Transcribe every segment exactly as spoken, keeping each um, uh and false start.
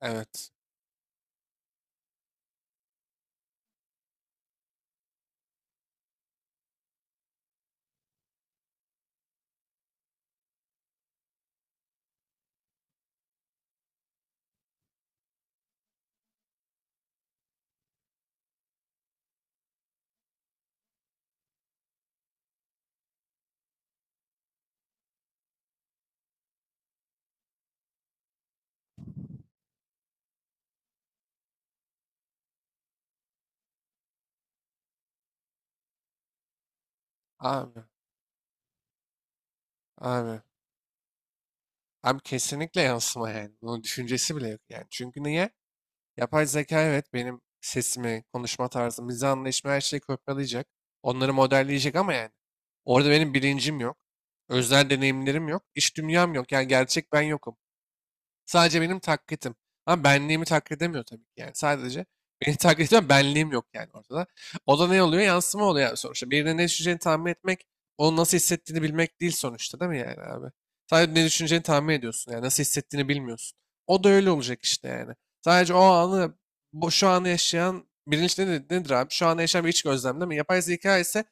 Evet. Abi. Abi. Abi kesinlikle yansıma yani. Bunun düşüncesi bile yok yani. Çünkü niye? Yapay zeka evet benim sesimi, konuşma tarzımı, mizah anlayışımı her şeyi kopyalayacak. Onları modelleyecek ama yani. Orada benim bilincim yok. Özel deneyimlerim yok. İç dünyam yok. Yani gerçek ben yokum. Sadece benim taklitim. Ama benliğimi taklit edemiyor tabii ki yani. Sadece beni taklit ediyor ama benliğim yok yani ortada. O da ne oluyor? Yansıma oluyor yani sonuçta. Birine ne düşüneceğini tahmin etmek, onun nasıl hissettiğini bilmek değil sonuçta değil mi yani abi? Sadece ne düşüneceğini tahmin ediyorsun yani. Nasıl hissettiğini bilmiyorsun. O da öyle olacak işte yani. Sadece o anı, bu, şu anı yaşayan, bilinç ne nedir abi? Şu anı yaşayan bir iç gözlem değil mi? Yapay zeka ise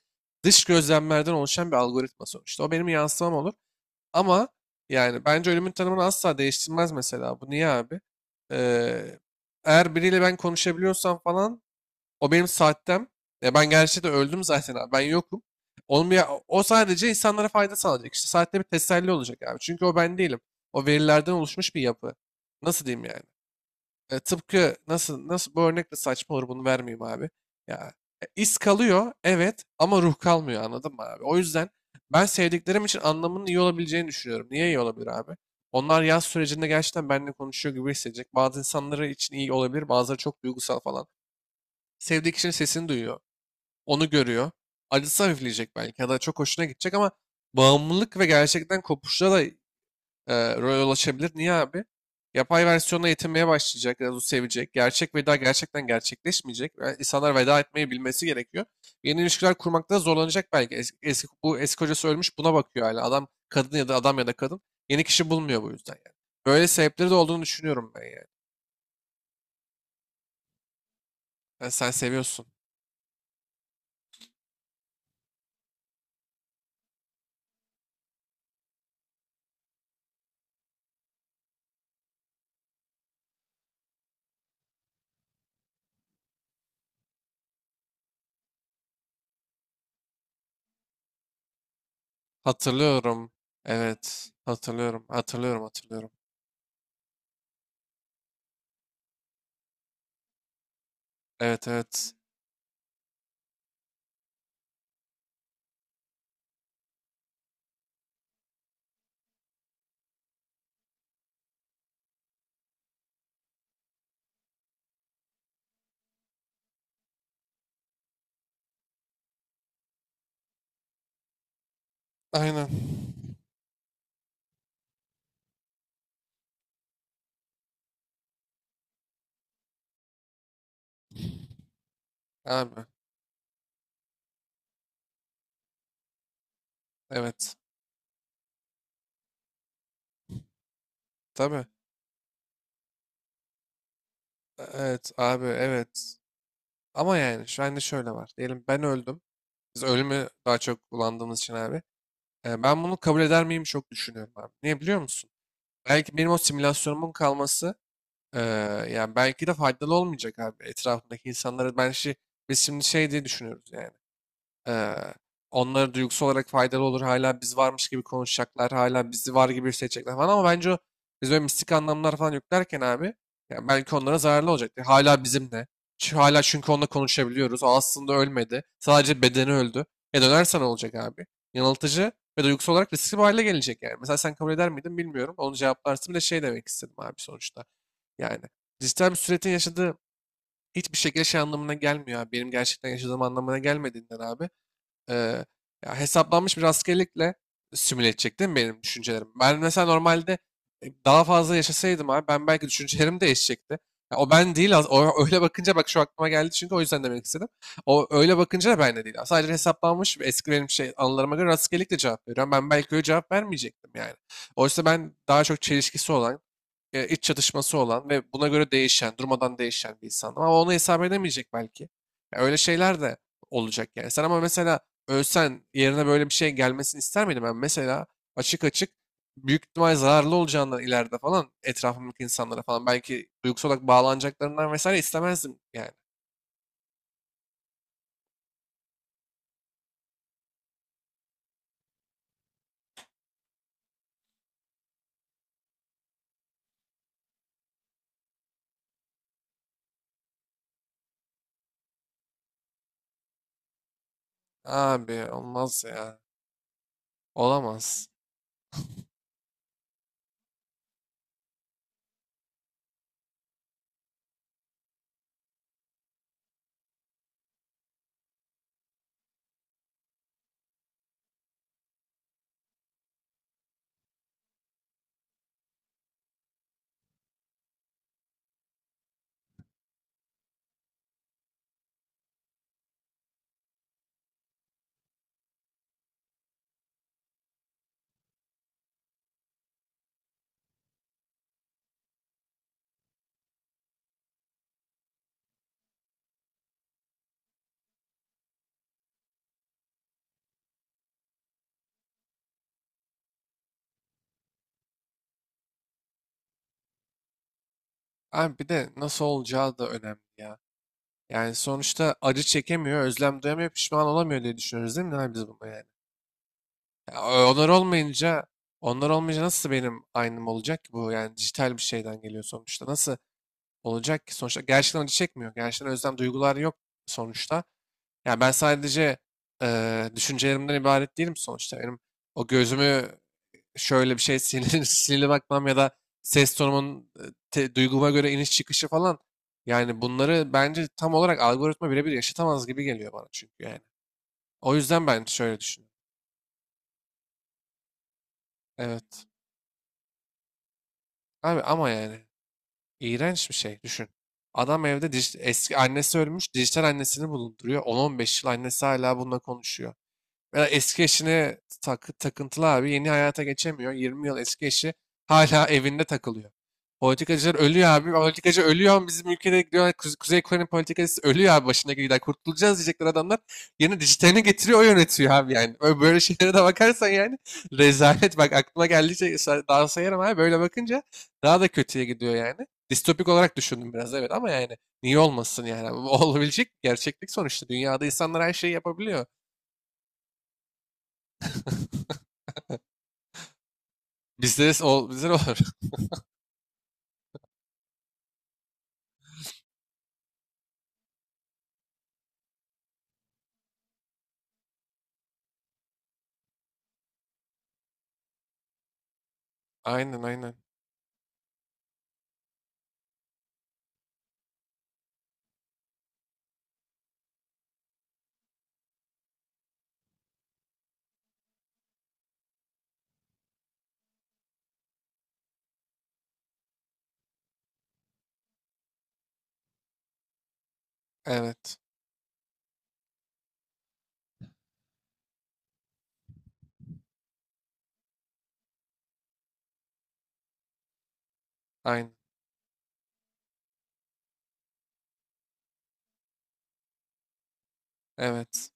dış gözlemlerden oluşan bir algoritma sonuçta. O benim yansımam olur. Ama yani bence ölümün tanımını asla değiştirmez mesela. Bu niye abi? Ee, Eğer biriyle ben konuşabiliyorsam falan o benim saatten. Ya ben gerçekten öldüm zaten abi. Ben yokum. Onun bir, o sadece insanlara fayda sağlayacak. İşte saatte bir teselli olacak abi. Çünkü o ben değilim. O verilerden oluşmuş bir yapı. Nasıl diyeyim yani? E, tıpkı nasıl nasıl bu örnek de saçma olur bunu vermeyeyim abi. Ya e, iz kalıyor evet ama ruh kalmıyor anladın mı abi? O yüzden ben sevdiklerim için anlamının iyi olabileceğini düşünüyorum. Niye iyi olabilir abi? Onlar yaz sürecinde gerçekten benimle konuşuyor gibi hissedecek. Bazı insanları için iyi olabilir, bazıları çok duygusal falan. Sevdiği kişinin sesini duyuyor, onu görüyor. Acısı hafifleyecek belki ya da çok hoşuna gidecek ama bağımlılık ve gerçekten kopuşla da e, rol ulaşabilir. Niye abi? Yapay versiyonla yetinmeye başlayacak, biraz sevecek. Gerçek veda gerçekten gerçekleşmeyecek. Yani insanlar veda etmeyi bilmesi gerekiyor. Yeni ilişkiler kurmakta zorlanacak belki. Es- Eski, bu eski kocası ölmüş buna bakıyor hala. Adam kadın ya da adam ya da kadın yeni kişi bulmuyor bu yüzden yani. Böyle sebepleri de olduğunu düşünüyorum ben yani. Ben- sen seviyorsun. Hatırlıyorum. Evet. Hatırlıyorum. Hatırlıyorum. Hatırlıyorum. Evet, evet. Aynen. Abi. Evet. Tabii. E, Evet abi, evet. Ama yani şu anda şöyle var. Diyelim ben öldüm. Biz ölümü daha çok kullandığımız için abi. E, ben bunu kabul eder miyim çok düşünüyorum abi. Niye biliyor musun? Belki benim o simülasyonumun kalması e, yani belki de faydalı olmayacak abi. Etrafındaki insanlara ben şey, biz şimdi şey diye düşünüyoruz yani. Ee, Onlara duygusal olarak faydalı olur. Hala biz varmış gibi konuşacaklar. Hala bizi var gibi hissedecekler falan. Ama bence o biz böyle mistik anlamlar falan yüklerken abi ya belki onlara zararlı olacaktı. Hala bizimle. Çünkü hala çünkü onunla konuşabiliyoruz. O aslında ölmedi. Sadece bedeni öldü. E dönersen olacak abi. Yanıltıcı ve duygusal olarak riskli bir hale gelecek yani. Mesela sen kabul eder miydin bilmiyorum. Onu cevaplarsın. Bir de şey demek istedim abi sonuçta. Yani dijital bir süretin yaşadığı hiçbir şekilde şey anlamına gelmiyor abi. Benim gerçekten yaşadığım anlamına gelmediğinden abi, e, ya hesaplanmış bir rastgelelikle simüle edecek değil mi benim düşüncelerim? Ben mesela normalde e, daha fazla yaşasaydım abi ben belki düşüncelerim değişecekti. Ya o ben değil az- o öyle bakınca bak şu aklıma geldi çünkü o yüzden demek istedim. O öyle bakınca da ben de değil. Sadece hesaplanmış bir eski benim şey anılarıma göre rastgelelikle cevap veriyorum. Ben belki öyle cevap vermeyecektim yani. Oysa ben daha çok çelişkisi olan, e, iç çatışması olan ve buna göre değişen, durmadan değişen bir insandım. Ama onu hesap edemeyecek belki. Ya öyle şeyler de olacak yani. Sen ama mesela ölsen yerine böyle bir şey gelmesini ister miydin? Ben mesela açık açık büyük ihtimal zararlı olacağından ileride falan etrafımdaki insanlara falan belki duygusal olarak bağlanacaklarından vesaire istemezdim yani. Abi olmaz ya. Olamaz. Abi bir de nasıl olacağı da önemli ya. Yani sonuçta acı çekemiyor, özlem duyamıyor, pişman olamıyor diye düşünüyoruz değil mi abi biz bunu yani? Ya, o- onlar olmayınca, onlar olmayınca nasıl benim aynım olacak ki bu? Yani dijital bir şeyden geliyor sonuçta. Nasıl olacak ki sonuçta? Gerçekten acı çekmiyor. Gerçekten özlem duygular yok sonuçta. Yani ben sadece eee, düşüncelerimden ibaret değilim sonuçta. Benim o gözümü şöyle bir şey sinirli, sinirli bakmam ya da ses tonumun e, te- duyguma göre iniş çıkışı falan. Yani bunları bence tam olarak algoritma birebir yaşatamaz gibi geliyor bana çünkü yani. O yüzden ben şöyle düşünüyorum. Evet. Abi ama yani. İğrenç bir şey. Düşün. Adam evde dij- eski annesi ölmüş, dijital annesini bulunduruyor. on on beş yıl annesi hala bununla konuşuyor. Ya eski eşine tak, takıntılı abi yeni hayata geçemiyor. yirmi yıl eski eşi hala evinde takılıyor. Politikacılar ölüyor abi. Politikacı ölüyor. Ama bizim ülkede diyor, Kuze- Kuzey Kore'nin politikacısı ölüyor abi başına gidiyor. Kurtulacağız diyecekler adamlar. Yeni dijitalini getiriyor o yönetiyor abi yani. Ö- Böyle şeylere de bakarsan yani rezalet. Bak aklıma geldikçe sa- daha sayarım abi. Böyle bakınca daha da kötüye gidiyor yani. Distopik olarak düşündüm biraz, evet ama yani niye olmasın yani. Olabilecek gerçeklik sonuçta. Dünyada insanlar her şeyi yapabiliyor. Bizde de ol, bizde de olur. Aynen, aynen. Evet. Aynen. Evet.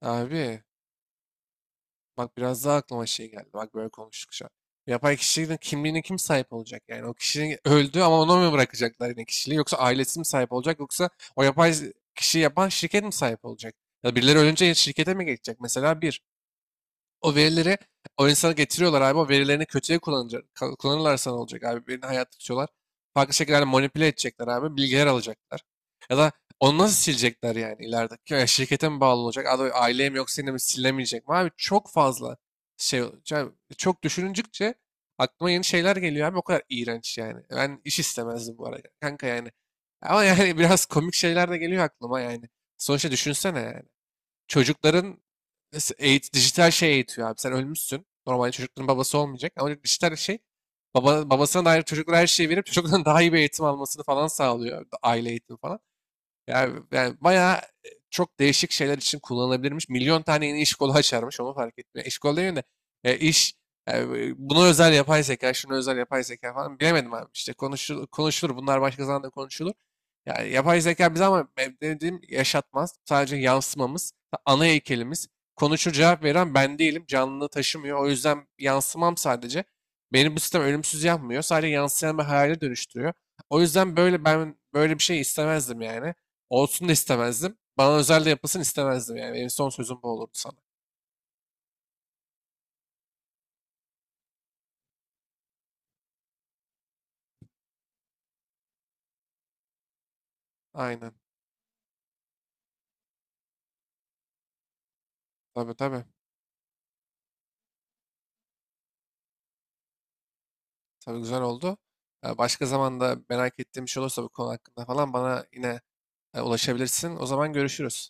Abi bak biraz daha aklıma şey geldi. Bak böyle konuştuk şu an. Yapay kişinin kimliğine kim sahip olacak? Yani o kişinin öldü ama ona mı bırakacaklar yine kişiliği? Yoksa ailesi mi sahip olacak? Yoksa o yapay kişiyi yapan şirket mi sahip olacak? Ya birileri ölünce şirkete mi geçecek? Mesela bir. O verileri o insana getiriyorlar abi. O verilerini kötüye kullanacak, ka- kullanırlarsa ne olacak abi? Birini hayatta tutuyorlar. Farklı şekillerde manipüle edecekler abi. Bilgiler alacaklar. Ya da onu nasıl silecekler yani ileride? Ya şirkete mi bağlı olacak? Abi aileye mi yoksa yine mi silinemeyecek mi? Abi çok fazla şey olacak. Çok düşününcükçe aklıma yeni şeyler geliyor abi. O kadar iğrenç yani. Ben iş istemezdim bu arada. Kanka yani. Ama yani biraz komik şeyler de geliyor aklıma yani. Sonuçta düşünsene yani çocukların nasıl eğit dijital şey eğitiyor abi. Sen ölmüşsün. Normalde çocukların babası olmayacak ama dijital şey baba, babasına dair çocuklara her şeyi verip çocukların daha iyi bir eğitim almasını falan sağlıyor. Aile eğitimi falan. Yani, yani bayağı e, çok değişik şeyler için kullanılabilirmiş. Milyon tane yeni iş kolu açarmış onu fark etmiyor. İş kolu değil de e, iş e, buna özel yapay zeka, şuna özel yapay zeka falan bilemedim abi. İşte konuşulur, konuşulur bunlar başka zaman da konuşulur. Yani yapay zeka bize ama ben dediğim yaşatmaz. Sadece yansımamız, ana heykelimiz. Konuşur cevap veren ben değilim. Canlılığı taşımıyor. O yüzden yansımam sadece. Beni bu sistem ölümsüz yapmıyor. Sadece yansıyan bir hayale dönüştürüyor. O yüzden böyle ben böyle bir şey istemezdim yani. Olsun da istemezdim. Bana özel de yapılsın istemezdim yani. Benim son sözüm bu olurdu sana. Aynen. Tabii, tabii. Tabii güzel oldu. Ee, Başka zaman da merak ettiğim bir şey olursa bu konu hakkında falan bana yine e, ulaşabilirsin. O zaman görüşürüz.